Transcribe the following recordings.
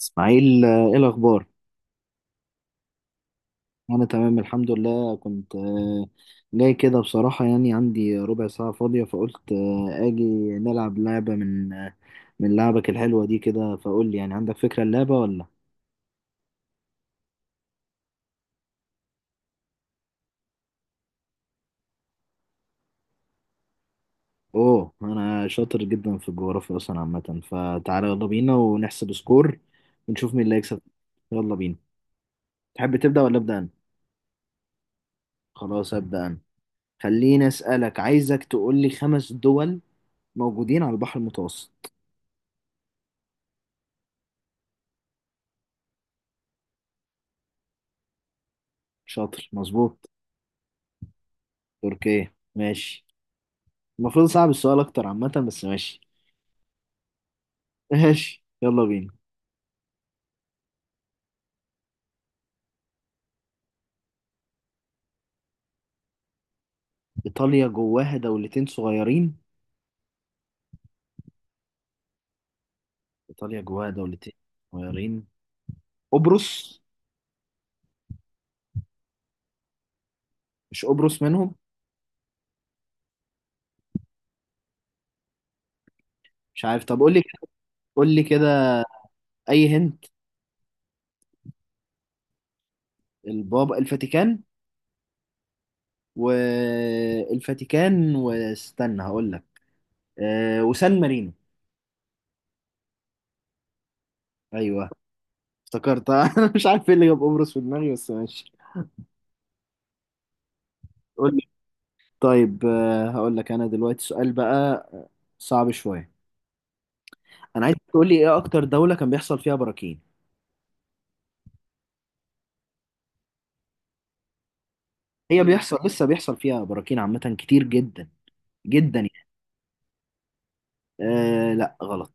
اسماعيل، ايه الاخبار؟ انا تمام الحمد لله. كنت جاي كده بصراحة، يعني عندي ربع ساعة فاضية، فقلت اجي نلعب لعبة من لعبك الحلوة دي كده. فقول لي، يعني عندك فكرة اللعبة ولا؟ اوه، انا شاطر جدا في الجغرافيا اصلا عامة. فتعالى يلا بينا ونحسب سكور ونشوف مين اللي هيكسب. يلا بينا. تحب تبدأ ولا أبدأ انا؟ خلاص أبدأ انا. خليني أسألك، عايزك تقول لي خمس دول موجودين على البحر المتوسط. شاطر، مظبوط. تركيا، ماشي. المفروض صعب السؤال اكتر عامة بس ماشي. ماشي، يلا بينا. ايطاليا جواها دولتين صغيرين. ايطاليا جواها دولتين صغيرين. قبرص. مش قبرص منهم؟ مش عارف، طب قول لي كده. قول لي كده. اي هنت. البابا، الفاتيكان. والفاتيكان، واستنى هقول لك. وسان مارينو. ايوه. افتكرت. انا مش عارف ايه اللي جاب قبرص في دماغي بس ماشي. قول لي. طيب، هقول لك انا دلوقتي سؤال بقى صعب شوية. انا عايز تقول لي ايه اكتر دولة كان بيحصل فيها براكين؟ هي بيحصل، لسه بيحصل فيها براكين عامة كتير جدا جدا يعني. لا غلط.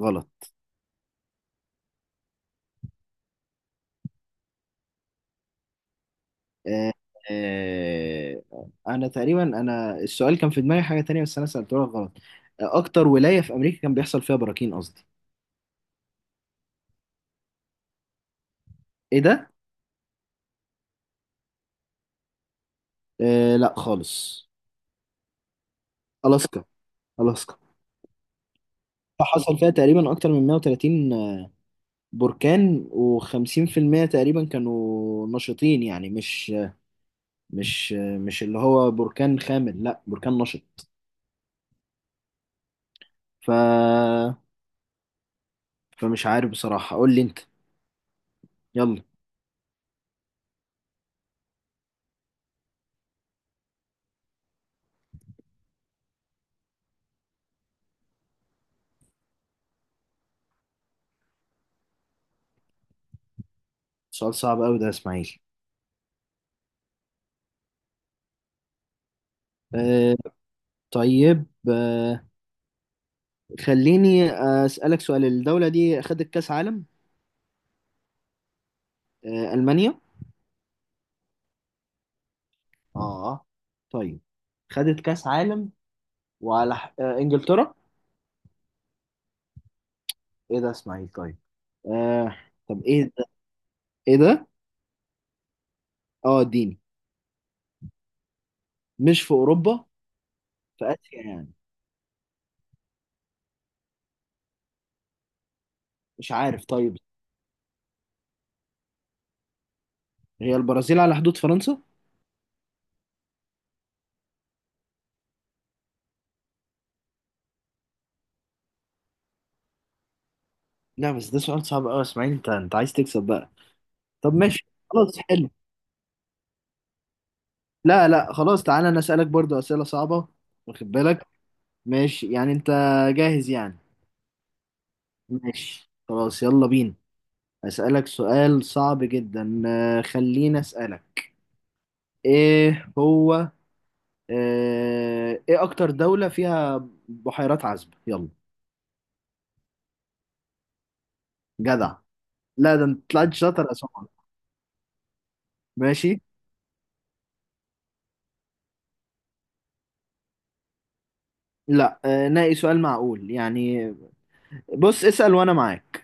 غلط. آه آه انا تقريبا، انا السؤال كان في دماغي حاجة تانية بس انا سألته لك غلط. اكتر ولاية في امريكا كان بيحصل فيها براكين قصدي. ايه ده؟ لا خالص. الاسكا. الاسكا. حصل فيها تقريبا اكتر من 130 بركان و50% تقريبا كانوا نشطين، يعني مش مش مش اللي هو بركان خامل، لا بركان نشط. ف فمش عارف بصراحة، قول لي انت يلا. سؤال صعب قوي ده يا اسماعيل. أه طيب، خليني أسألك سؤال. الدولة دي خدت كأس عالم. ألمانيا. اه، طيب، خدت كأس عالم. وعلى ح- أه إنجلترا. ايه ده يا اسماعيل؟ طيب، أه طب ايه ده؟ ايه ده؟ اه اديني. مش في أوروبا. في آسيا يعني؟ مش عارف، طيب. هي البرازيل على حدود فرنسا؟ لا بس ده سؤال صعب قوي اسماعيل، انت عايز تكسب بقى. طب ماشي. خلاص حلو. لا لا خلاص، تعالى انا اسالك برضو اسئله صعبه. واخد بالك؟ ماشي يعني، انت جاهز يعني؟ ماشي خلاص، يلا بينا. اسالك سؤال صعب جدا، خليني اسالك ايه هو. ايه اكتر دوله فيها بحيرات عذبه؟ يلا. جدع! لا ده انت طلعت شاطر يا سمر. ماشي. لا، ناقي سؤال معقول يعني. بص اسال وانا معاك.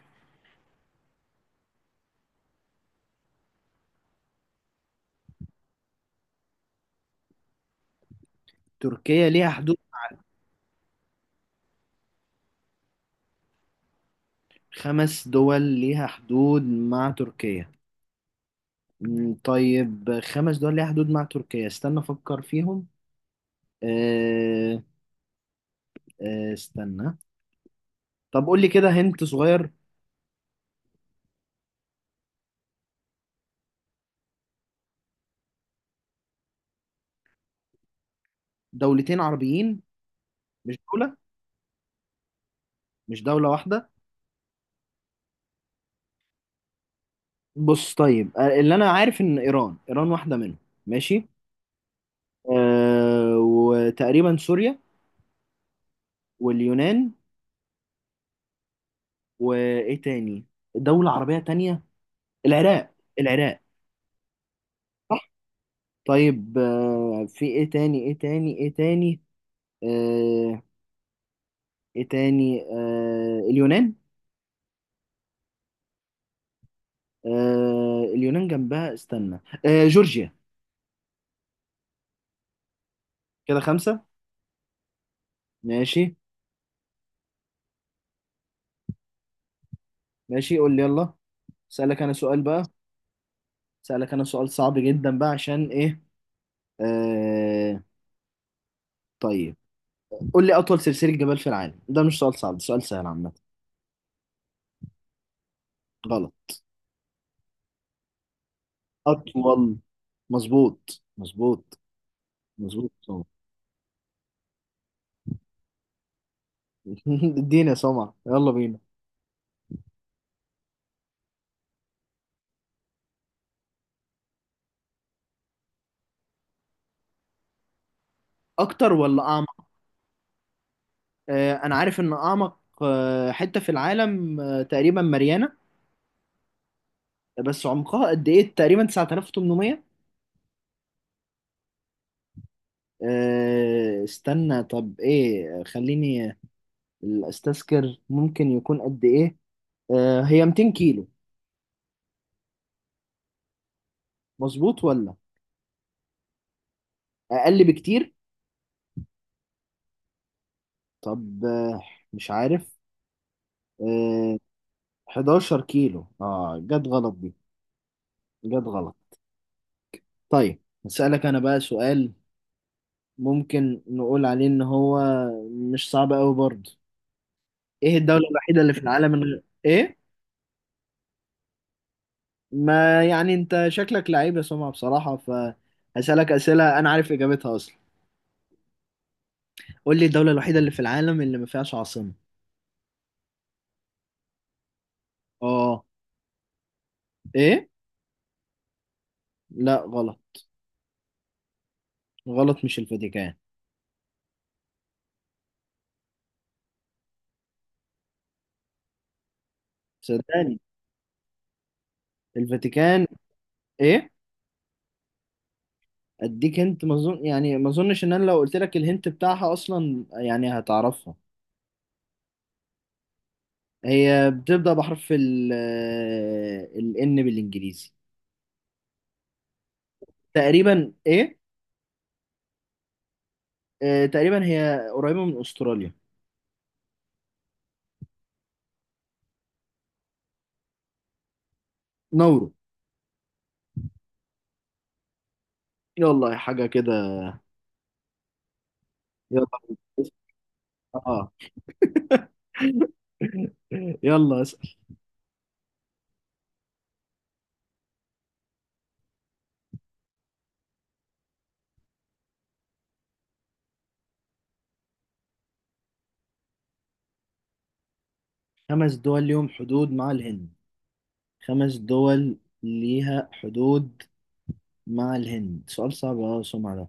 تركيا ليها حدود. خمس دول ليها حدود مع تركيا. مم، طيب، خمس دول ليها حدود مع تركيا، استنى افكر فيهم. أه أه استنى، طب قول لي كده هنت صغير. دولتين عربيين؟ مش دولة؟ مش دولة واحدة؟ بص طيب، اللي انا عارف ان ايران واحدة منهم. ماشي. وتقريبا سوريا. واليونان. وايه تاني؟ دولة عربية تانية؟ العراق. العراق. صح. طيب، في ايه تاني؟ ايه تاني؟ ايه تاني؟ آه، ايه تاني. اليونان. اليونان جنبها، استنى. جورجيا. كده خمسة. ماشي. ماشي، قول لي يلا. سألك انا سؤال بقى. سألك انا سؤال صعب جدا بقى، عشان ايه. آه، طيب، قول لي اطول سلسلة جبال في العالم. ده مش سؤال صعب، ده سؤال سهل عامة. غلط. اطول، مظبوط. مظبوط. مظبوط سمع. اديني يا سمع، يلا بينا. اكتر ولا اعمق؟ انا عارف ان اعمق حته في العالم تقريبا ماريانا. بس عمقها قد ايه؟ تقريبا 9800. استنى، طب ايه، خليني استذكر ممكن يكون قد ايه. هي 200 كيلو، مظبوط ولا؟ اقل بكتير. طب، مش عارف. آه، 11 كيلو، اه جت غلط دي. جت غلط. طيب، هسألك انا بقى سؤال ممكن نقول عليه ان هو مش صعب قوي برضه. ايه الدولة الوحيدة اللي في العالم من غير ايه؟ ما يعني انت شكلك لعيب يا سمعة بصراحة، فهسألك أسئلة انا عارف اجابتها اصلا. قول لي الدولة الوحيدة اللي في العالم اللي ما فيهاش عاصمة. اه. ايه. لا، غلط. غلط مش الفاتيكان. صدقني الفاتيكان. ايه؟ اديك انت؟ ما اظن يعني، ما اظنش ان انا لو قلت لك الهنت بتاعها اصلا يعني هتعرفها. هي بتبدأ بحرف ال، الان بالانجليزي. تقريبا ايه؟ تقريبا هي قريبة من استراليا. نورو. يلا، حاجة كده. يلا. اه. يلا اسأل. خمس دول ليهم حدود مع الهند. خمس دول ليها حدود مع الهند، سؤال صعب اه سمع ده.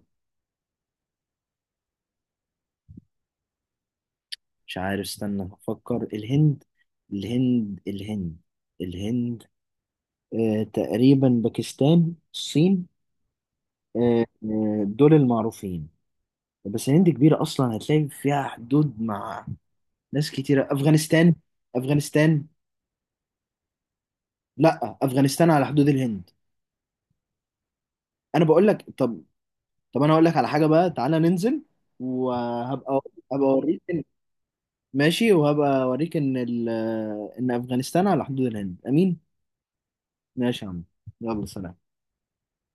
مش عارف، استنى افكر. الهند الهند الهند الهند. تقريبا باكستان، الصين. آه دول المعروفين. بس الهند كبيرة أصلا، هتلاقي فيها حدود مع ناس كتيرة. أفغانستان. أفغانستان. لأ، أفغانستان على حدود الهند. انا بقول لك. طب، انا هقول لك على حاجه بقى، تعالى ننزل. وهبقى هبقى اوريك إن- ماشي. وهبقى اوريك ان ان افغانستان على حدود الهند، امين. ماشي يا عم. يلا، سلام.